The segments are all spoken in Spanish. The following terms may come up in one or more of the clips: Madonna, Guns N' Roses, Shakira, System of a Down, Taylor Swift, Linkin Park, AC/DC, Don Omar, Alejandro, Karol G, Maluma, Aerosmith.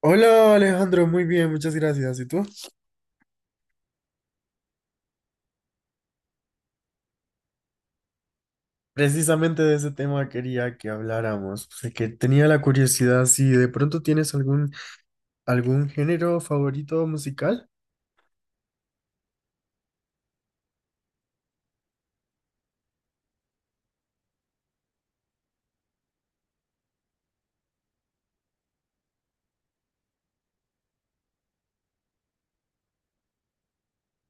Hola Alejandro, muy bien, muchas gracias. ¿Y tú? Precisamente de ese tema quería que habláramos, o sea, que tenía la curiosidad si de pronto tienes algún género favorito musical.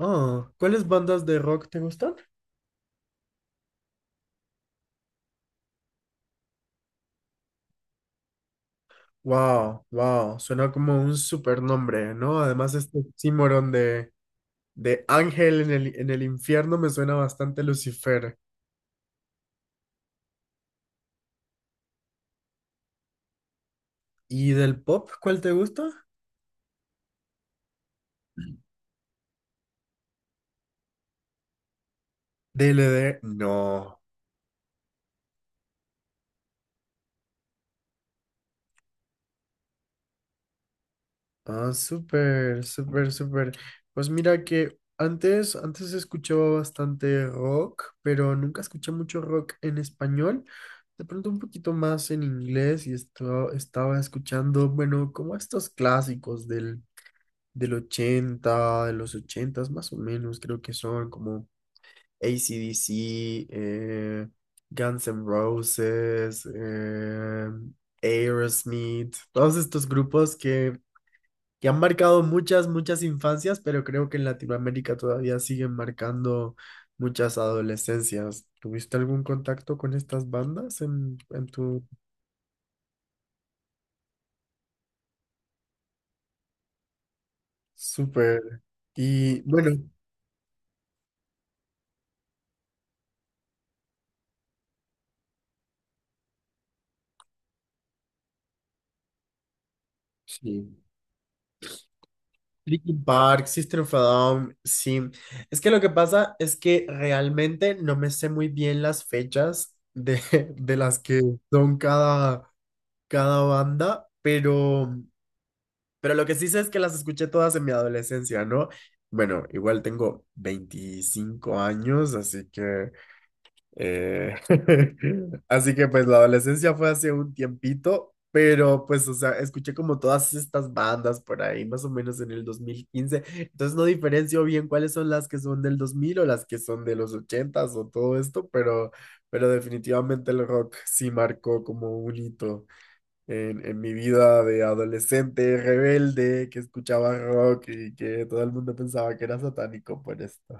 Ah, ¿cuáles bandas de rock te gustan? Wow, wow, suena como un super nombre, ¿no? Además este oxímoron de ángel en el infierno me suena bastante Lucifer. ¿Y del pop cuál te gusta? D. DLD, no. Ah, súper, súper, súper. Pues mira que antes escuchaba bastante rock, pero nunca escuché mucho rock en español. De pronto un poquito más en inglés y esto, estaba escuchando, bueno, como estos clásicos del 80 de los 80 más o menos, creo que son como AC/DC, eh, Guns N' Roses, Aerosmith, todos estos grupos que han marcado muchas, muchas infancias, pero creo que en Latinoamérica todavía siguen marcando muchas adolescencias. ¿Tuviste algún contacto con estas bandas en tu súper? Y bueno, sí. Linkin Park, System of a Down, sí. Es que lo que pasa es que realmente no me sé muy bien las fechas de, de las que son cada banda, pero lo que sí sé es que las escuché todas en mi adolescencia, ¿no? Bueno, igual tengo 25 años, así que eh, así que pues la adolescencia fue hace un tiempito, pero pues, o sea, escuché como todas estas bandas por ahí, más o menos en el 2015. Entonces no diferencio bien cuáles son las que son del 2000 o las que son de los 80s o todo esto, pero definitivamente el rock sí marcó como un hito en mi vida de adolescente rebelde que escuchaba rock y que todo el mundo pensaba que era satánico por esto.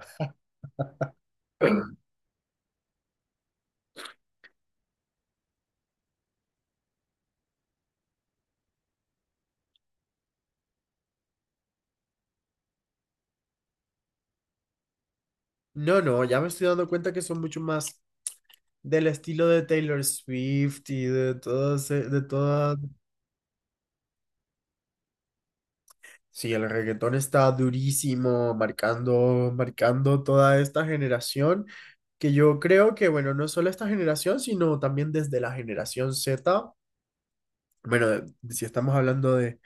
No, no, ya me estoy dando cuenta que son mucho más del estilo de Taylor Swift y de todo de toda. Sí, el reggaetón está durísimo, marcando toda esta generación, que yo creo que, bueno, no solo esta generación, sino también desde la generación Z. Bueno, si estamos hablando de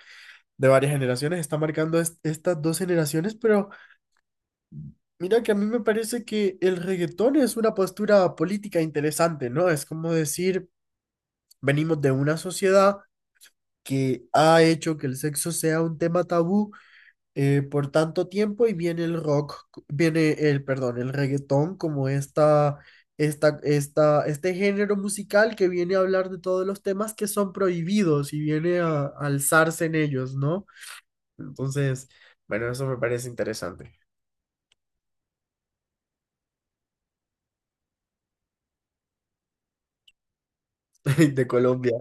varias generaciones, está marcando estas dos generaciones, pero mira que a mí me parece que el reggaetón es una postura política interesante, ¿no? Es como decir, venimos de una sociedad que ha hecho que el sexo sea un tema tabú por tanto tiempo y viene el rock, viene el, perdón, el reggaetón como este género musical que viene a hablar de todos los temas que son prohibidos y viene a alzarse en ellos, ¿no? Entonces, bueno, eso me parece interesante. De Colombia.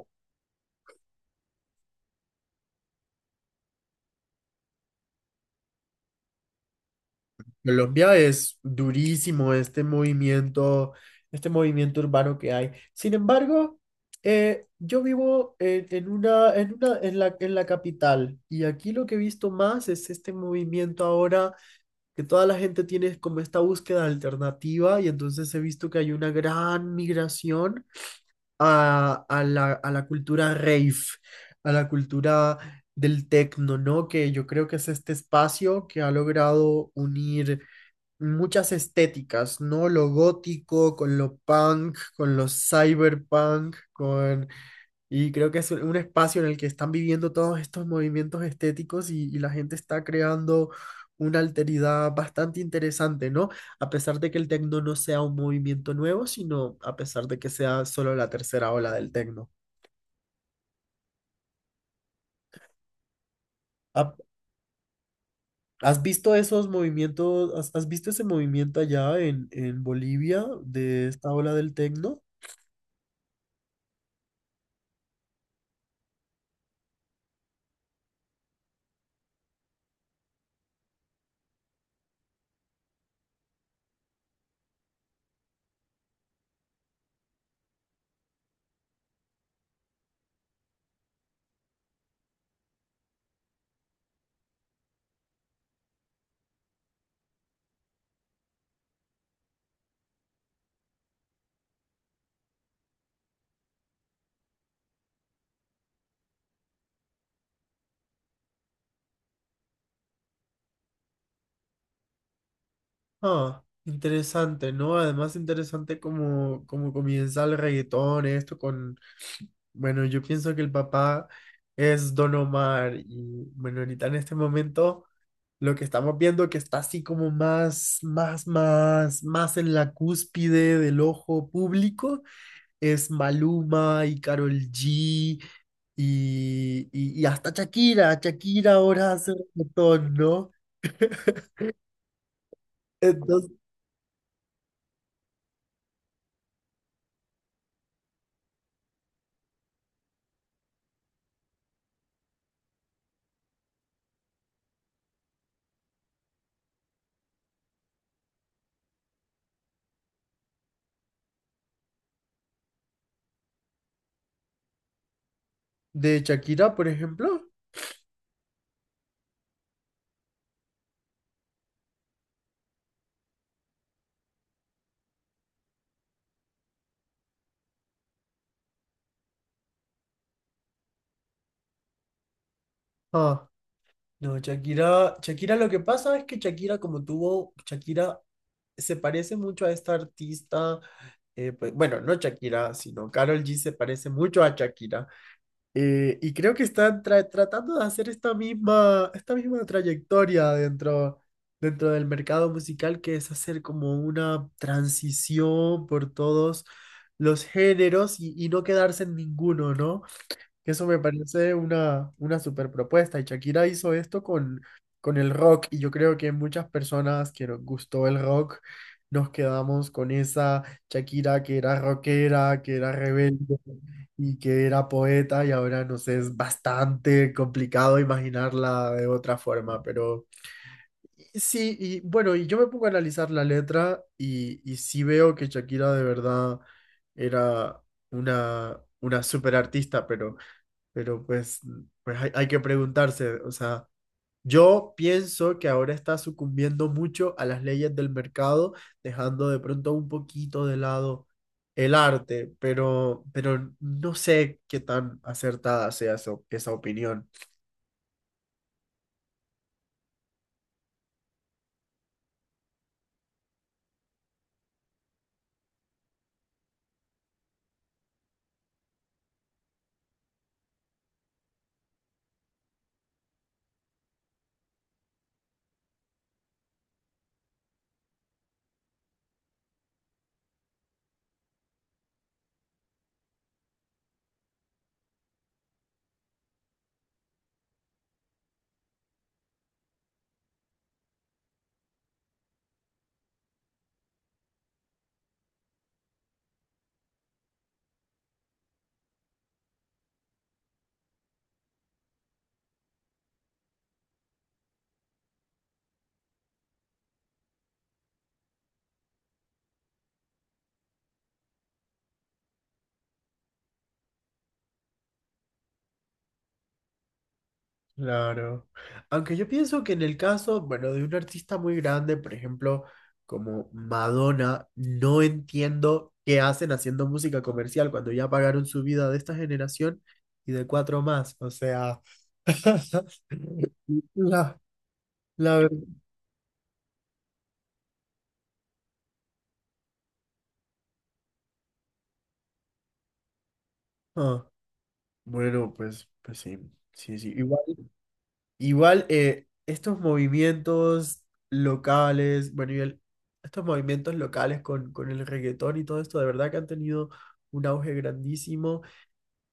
Colombia es durísimo este movimiento urbano que hay. Sin embargo, yo vivo en una, en una, en la capital y aquí lo que he visto más es este movimiento ahora que toda la gente tiene como esta búsqueda alternativa y entonces he visto que hay una gran migración a la cultura rave, a la cultura del techno, ¿no? Que yo creo que es este espacio que ha logrado unir muchas estéticas, ¿no? Lo gótico, con lo punk, con lo cyberpunk. Con... Y creo que es un espacio en el que están viviendo todos estos movimientos estéticos y la gente está creando una alteridad bastante interesante, ¿no? A pesar de que el tecno no sea un movimiento nuevo, sino a pesar de que sea solo la tercera ola del tecno. Ha- ¿Has visto esos movimientos, has visto ese movimiento allá en Bolivia de esta ola del tecno? Ah, interesante, ¿no? Además, interesante cómo comienza el reggaetón, esto con, bueno, yo pienso que el papá es Don Omar y, bueno, ahorita en este momento lo que estamos viendo que está así como más, más, más, más en la cúspide del ojo público es Maluma y Karol G y hasta Shakira ahora hace reggaetón, ¿no? Entonces, de Shakira, por ejemplo. Ah. No, Shakira, lo que pasa es que Shakira, como tuvo, Shakira se parece mucho a esta artista, pues, bueno, no Shakira, sino Karol G se parece mucho a Shakira. Y creo que están tratando de hacer esta misma trayectoria dentro del mercado musical, que es hacer como una transición por todos los géneros y no quedarse en ninguno, ¿no? Que eso me parece una super propuesta. Y Shakira hizo esto con el rock. Y yo creo que muchas personas que nos gustó el rock nos quedamos con esa Shakira que era rockera, que era rebelde y que era poeta. Y ahora nos es bastante complicado imaginarla de otra forma. Pero y sí, y bueno, y yo me pongo a analizar la letra y sí veo que Shakira de verdad era una super artista, pero. Pero pues hay que preguntarse, o sea, yo pienso que ahora está sucumbiendo mucho a las leyes del mercado, dejando de pronto un poquito de lado el arte, pero no sé qué tan acertada sea esa opinión. Claro. Aunque yo pienso que en el caso, bueno, de un artista muy grande, por ejemplo, como Madonna, no entiendo qué hacen haciendo música comercial cuando ya pagaron su vida de esta generación y de cuatro más. O sea, la, la verdad. Ah, bueno, pues sí, sí, sí. Igual estos movimientos locales, bueno, estos movimientos locales con el reggaetón y todo esto, de verdad que han tenido un auge grandísimo.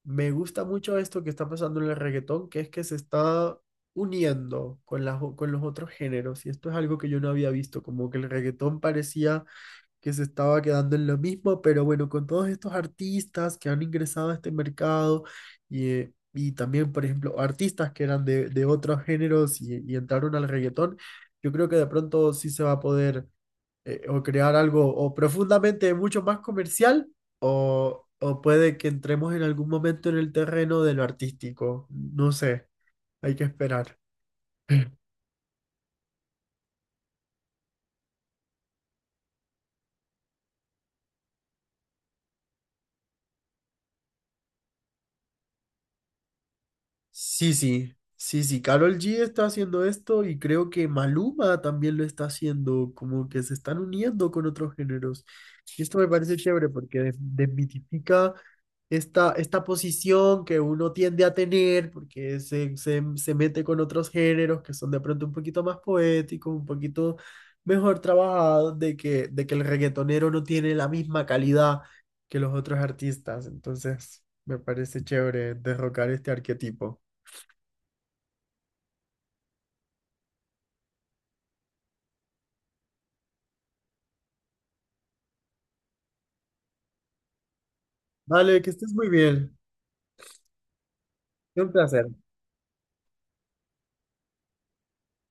Me gusta mucho esto que está pasando en el reggaetón, que es que se está uniendo con con los otros géneros. Y esto es algo que yo no había visto, como que el reggaetón parecía que se estaba quedando en lo mismo, pero bueno, con todos estos artistas que han ingresado a este mercado y también, por ejemplo, artistas que eran de otros géneros y entraron al reggaetón, yo creo que de pronto sí se va a poder o crear algo o profundamente mucho más comercial o puede que entremos en algún momento en el terreno de lo artístico. No sé, hay que esperar. Sí, sí, sí, sí, Karol G está haciendo esto y creo que Maluma también lo está haciendo, como que se están uniendo con otros géneros. Y esto me parece chévere porque desmitifica esta posición que uno tiende a tener porque se mete con otros géneros que son de pronto un poquito más poéticos, un poquito mejor trabajados, de que el reggaetonero no tiene la misma calidad que los otros artistas. Entonces, me parece chévere derrocar este arquetipo. Vale, que estés muy bien. Fue un placer.